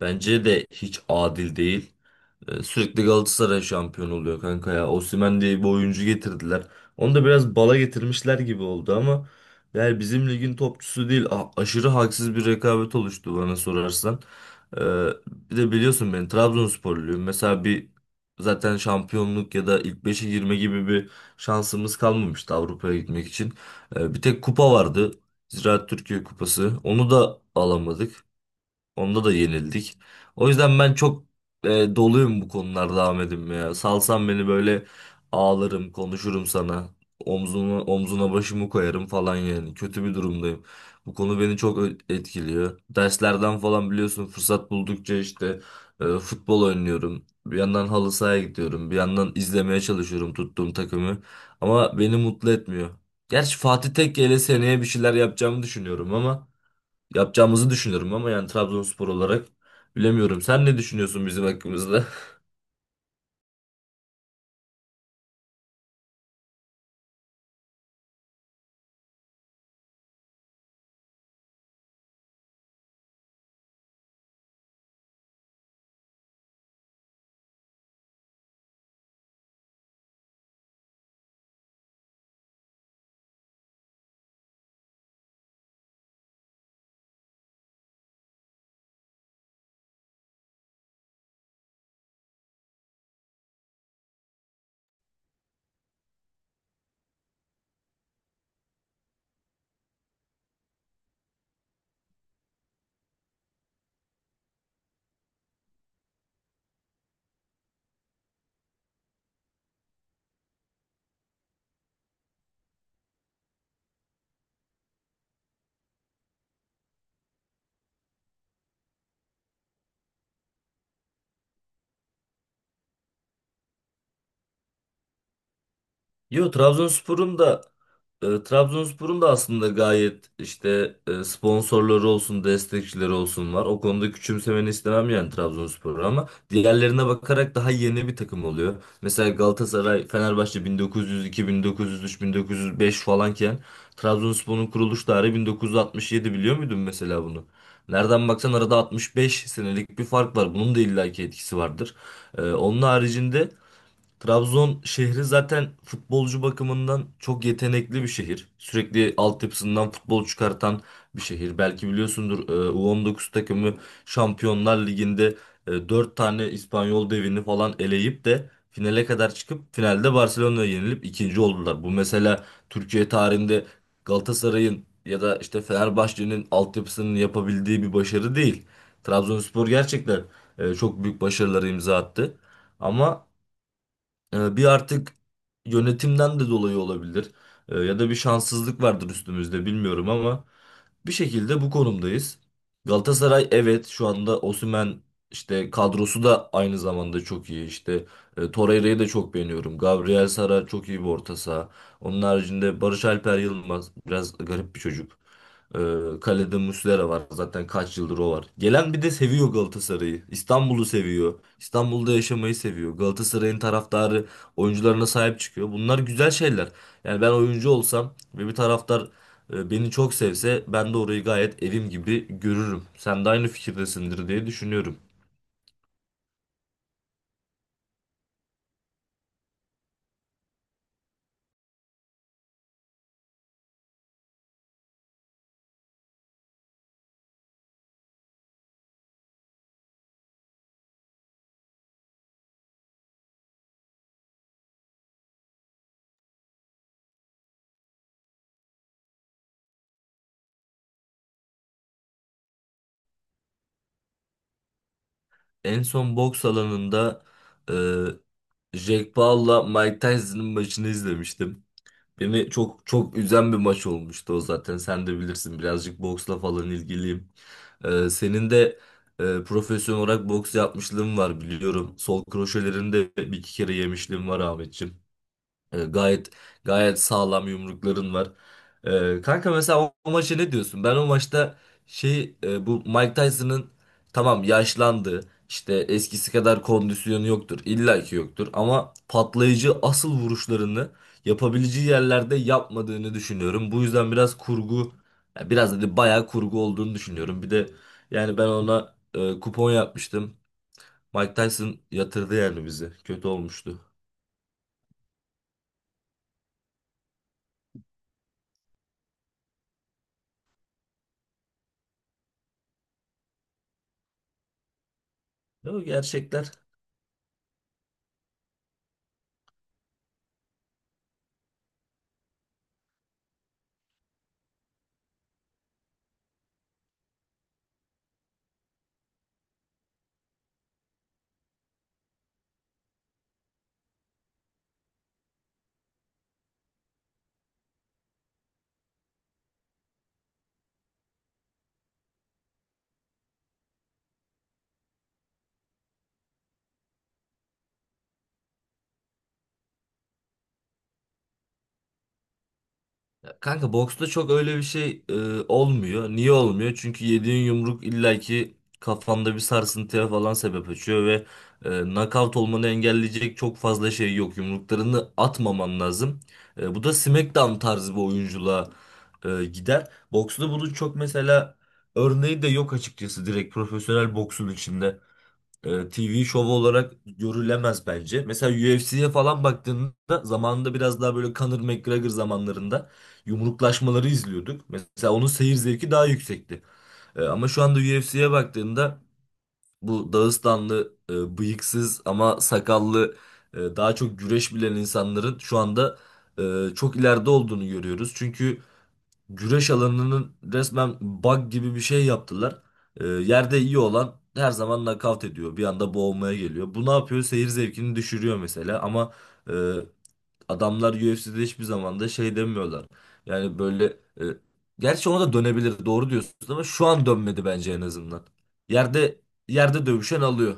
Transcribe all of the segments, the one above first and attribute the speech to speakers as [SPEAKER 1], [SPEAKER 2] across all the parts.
[SPEAKER 1] Bence de hiç adil değil. Sürekli Galatasaray şampiyon oluyor kanka ya. Osimhen diye bir oyuncu getirdiler. Onu da biraz bala getirmişler gibi oldu ama yani bizim ligin topçusu değil. Aşırı haksız bir rekabet oluştu bana sorarsan. Ee, Bir de biliyorsun ben Trabzonsporluyum. Mesela bir zaten şampiyonluk ya da ilk beşe girme gibi bir şansımız kalmamıştı Avrupa'ya gitmek için. Bir tek kupa vardı. Ziraat Türkiye Kupası. Onu da alamadık. Onda da yenildik. O yüzden ben çok doluyum bu konularda Ahmet'im ya. Salsan beni böyle ağlarım, konuşurum sana. Omzuna, omzuna başımı koyarım falan yani. Kötü bir durumdayım. Bu konu beni çok etkiliyor. Derslerden falan biliyorsun, fırsat buldukça işte futbol oynuyorum. Bir yandan halı sahaya gidiyorum. Bir yandan izlemeye çalışıyorum tuttuğum takımı. Ama beni mutlu etmiyor. Gerçi Fatih Tekke ile seneye bir şeyler yapacağımızı düşünüyorum ama yani Trabzonspor olarak bilemiyorum. Sen ne düşünüyorsun bizim hakkımızda? Yo, Trabzonspor'un da aslında gayet işte sponsorları olsun, destekçileri olsun var. O konuda küçümsemeni istemem yani Trabzonspor'u, ama diğerlerine bakarak daha yeni bir takım oluyor. Mesela Galatasaray, Fenerbahçe 1902, 1903, 1905 falanken Trabzonspor'un kuruluş tarihi 1967, biliyor muydun mesela bunu? Nereden baksan arada 65 senelik bir fark var. Bunun da illaki etkisi vardır. Onun haricinde Trabzon şehri zaten futbolcu bakımından çok yetenekli bir şehir. Sürekli altyapısından futbol çıkartan bir şehir. Belki biliyorsundur, U19 takımı Şampiyonlar Ligi'nde 4 tane İspanyol devini falan eleyip de finale kadar çıkıp finalde Barcelona'ya yenilip ikinci oldular. Bu mesela Türkiye tarihinde Galatasaray'ın ya da işte Fenerbahçe'nin altyapısının yapabildiği bir başarı değil. Trabzonspor gerçekten çok büyük başarıları imza attı. Ama bir artık yönetimden de dolayı olabilir. Ya da bir şanssızlık vardır üstümüzde, bilmiyorum, ama bir şekilde bu konumdayız. Galatasaray, evet, şu anda Osimhen işte kadrosu da aynı zamanda çok iyi. İşte Torreira'yı da çok beğeniyorum. Gabriel Sara çok iyi bir orta saha. Onun haricinde Barış Alper Yılmaz biraz garip bir çocuk. Kalede Muslera var. Zaten kaç yıldır o var. Gelen bir de seviyor Galatasaray'ı. İstanbul'u seviyor. İstanbul'da yaşamayı seviyor. Galatasaray'ın taraftarı oyuncularına sahip çıkıyor. Bunlar güzel şeyler. Yani ben oyuncu olsam ve bir taraftar beni çok sevse, ben de orayı gayet evim gibi görürüm. Sen de aynı fikirdesindir diye düşünüyorum. En son boks alanında Jack Paul'la Mike Tyson'ın maçını izlemiştim. Beni çok çok üzen bir maç olmuştu o zaten. Sen de bilirsin, birazcık boksla falan ilgiliyim. Senin de profesyonel olarak boks yapmışlığın var, biliyorum. Sol kroşelerini de bir iki kere yemişliğin var Ahmetciğim. E, Gayet gayet sağlam yumrukların var. Kanka, mesela o maça ne diyorsun? Ben o maçta bu Mike Tyson'ın, tamam, yaşlandı. İşte eskisi kadar kondisyonu yoktur. İlla ki yoktur. Ama patlayıcı asıl vuruşlarını yapabileceği yerlerde yapmadığını düşünüyorum. Bu yüzden biraz kurgu ya, biraz dedi bayağı kurgu olduğunu düşünüyorum. Bir de yani ben ona kupon yapmıştım. Mike Tyson yatırdı yani bizi. Kötü olmuştu. Yok, gerçekler. Ya kanka, boksta çok öyle bir şey olmuyor. Niye olmuyor? Çünkü yediğin yumruk illaki kafanda bir sarsıntıya falan sebep açıyor ve knockout olmanı engelleyecek çok fazla şey yok. Yumruklarını atmaman lazım. Bu da SmackDown tarzı bir oyunculuğa gider. Boksta bunun çok mesela örneği de yok açıkçası, direkt profesyonel boksun içinde TV şovu olarak görülemez bence. Mesela UFC'ye falan baktığında, zamanında biraz daha böyle Conor McGregor zamanlarında yumruklaşmaları izliyorduk. Mesela onun seyir zevki daha yüksekti. Ama şu anda UFC'ye baktığında, bu Dağıstanlı, bıyıksız ama sakallı, daha çok güreş bilen insanların şu anda çok ileride olduğunu görüyoruz. Çünkü güreş alanının resmen bug gibi bir şey yaptılar. Yerde iyi olan her zaman nakavt ediyor. Bir anda boğulmaya geliyor. Bu ne yapıyor? Seyir zevkini düşürüyor mesela. Ama e, adamlar UFC'de hiçbir zaman da şey demiyorlar. Yani böyle, e, gerçi ona da dönebilir, doğru diyorsunuz, ama şu an dönmedi bence en azından. Yerde yerde dövüşen alıyor.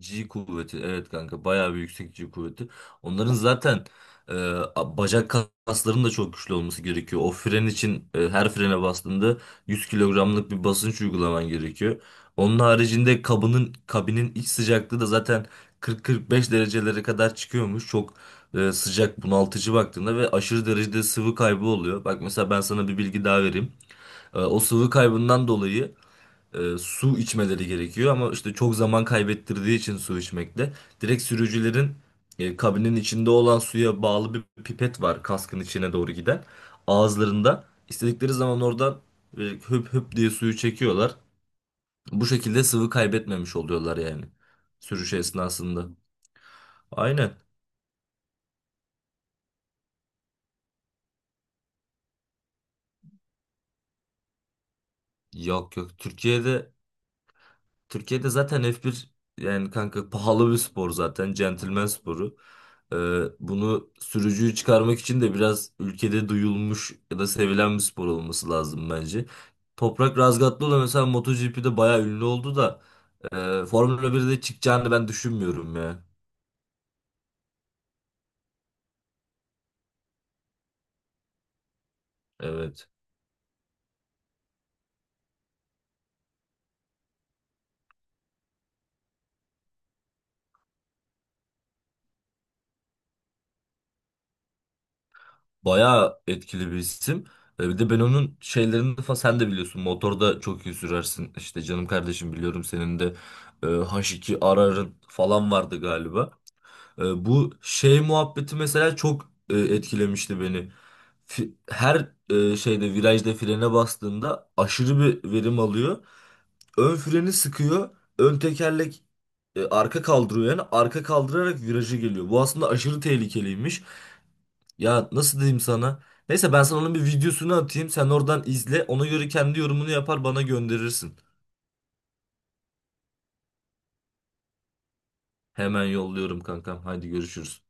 [SPEAKER 1] G kuvveti, evet kanka, bayağı bir yüksek G kuvveti. Onların zaten e, bacak kaslarının da çok güçlü olması gerekiyor. O fren için her frene bastığında 100 kilogramlık bir basınç uygulaman gerekiyor. Onun haricinde kabinin iç sıcaklığı da zaten 40-45 derecelere kadar çıkıyormuş. Çok sıcak, bunaltıcı baktığında, ve aşırı derecede sıvı kaybı oluyor. Bak mesela, ben sana bir bilgi daha vereyim. O sıvı kaybından dolayı su içmeleri gerekiyor ama işte çok zaman kaybettirdiği için su içmekte, direkt sürücülerin kabinin içinde olan suya bağlı bir pipet var kaskın içine doğru giden. Ağızlarında, istedikleri zaman oradan höp höp diye suyu çekiyorlar. Bu şekilde sıvı kaybetmemiş oluyorlar yani, sürüş esnasında. Aynen. Yok yok, Türkiye'de zaten F1, yani kanka, pahalı bir spor zaten. Centilmen sporu. Ee, Bunu, sürücüyü çıkarmak için de biraz ülkede duyulmuş ya da sevilen bir spor olması lazım bence. Toprak Razgatlıoğlu mesela MotoGP'de bayağı ünlü oldu da Formula 1'de çıkacağını ben düşünmüyorum ya. Evet. Bayağı etkili bir isim. Bir de ben onun şeylerini falan, sen de biliyorsun. Motorda çok iyi sürersin. İşte canım kardeşim, biliyorum senin de H2 Arar'ın falan vardı galiba. Bu şey muhabbeti mesela çok etkilemişti beni. Her şeyde, virajda frene bastığında aşırı bir verim alıyor. Ön freni sıkıyor. Ön tekerlek arka kaldırıyor, yani arka kaldırarak virajı geliyor. Bu aslında aşırı tehlikeliymiş. Ya nasıl diyeyim sana? Neyse, ben sana onun bir videosunu atayım. Sen oradan izle. Ona göre kendi yorumunu yapar, bana gönderirsin. Hemen yolluyorum kankam. Hadi görüşürüz.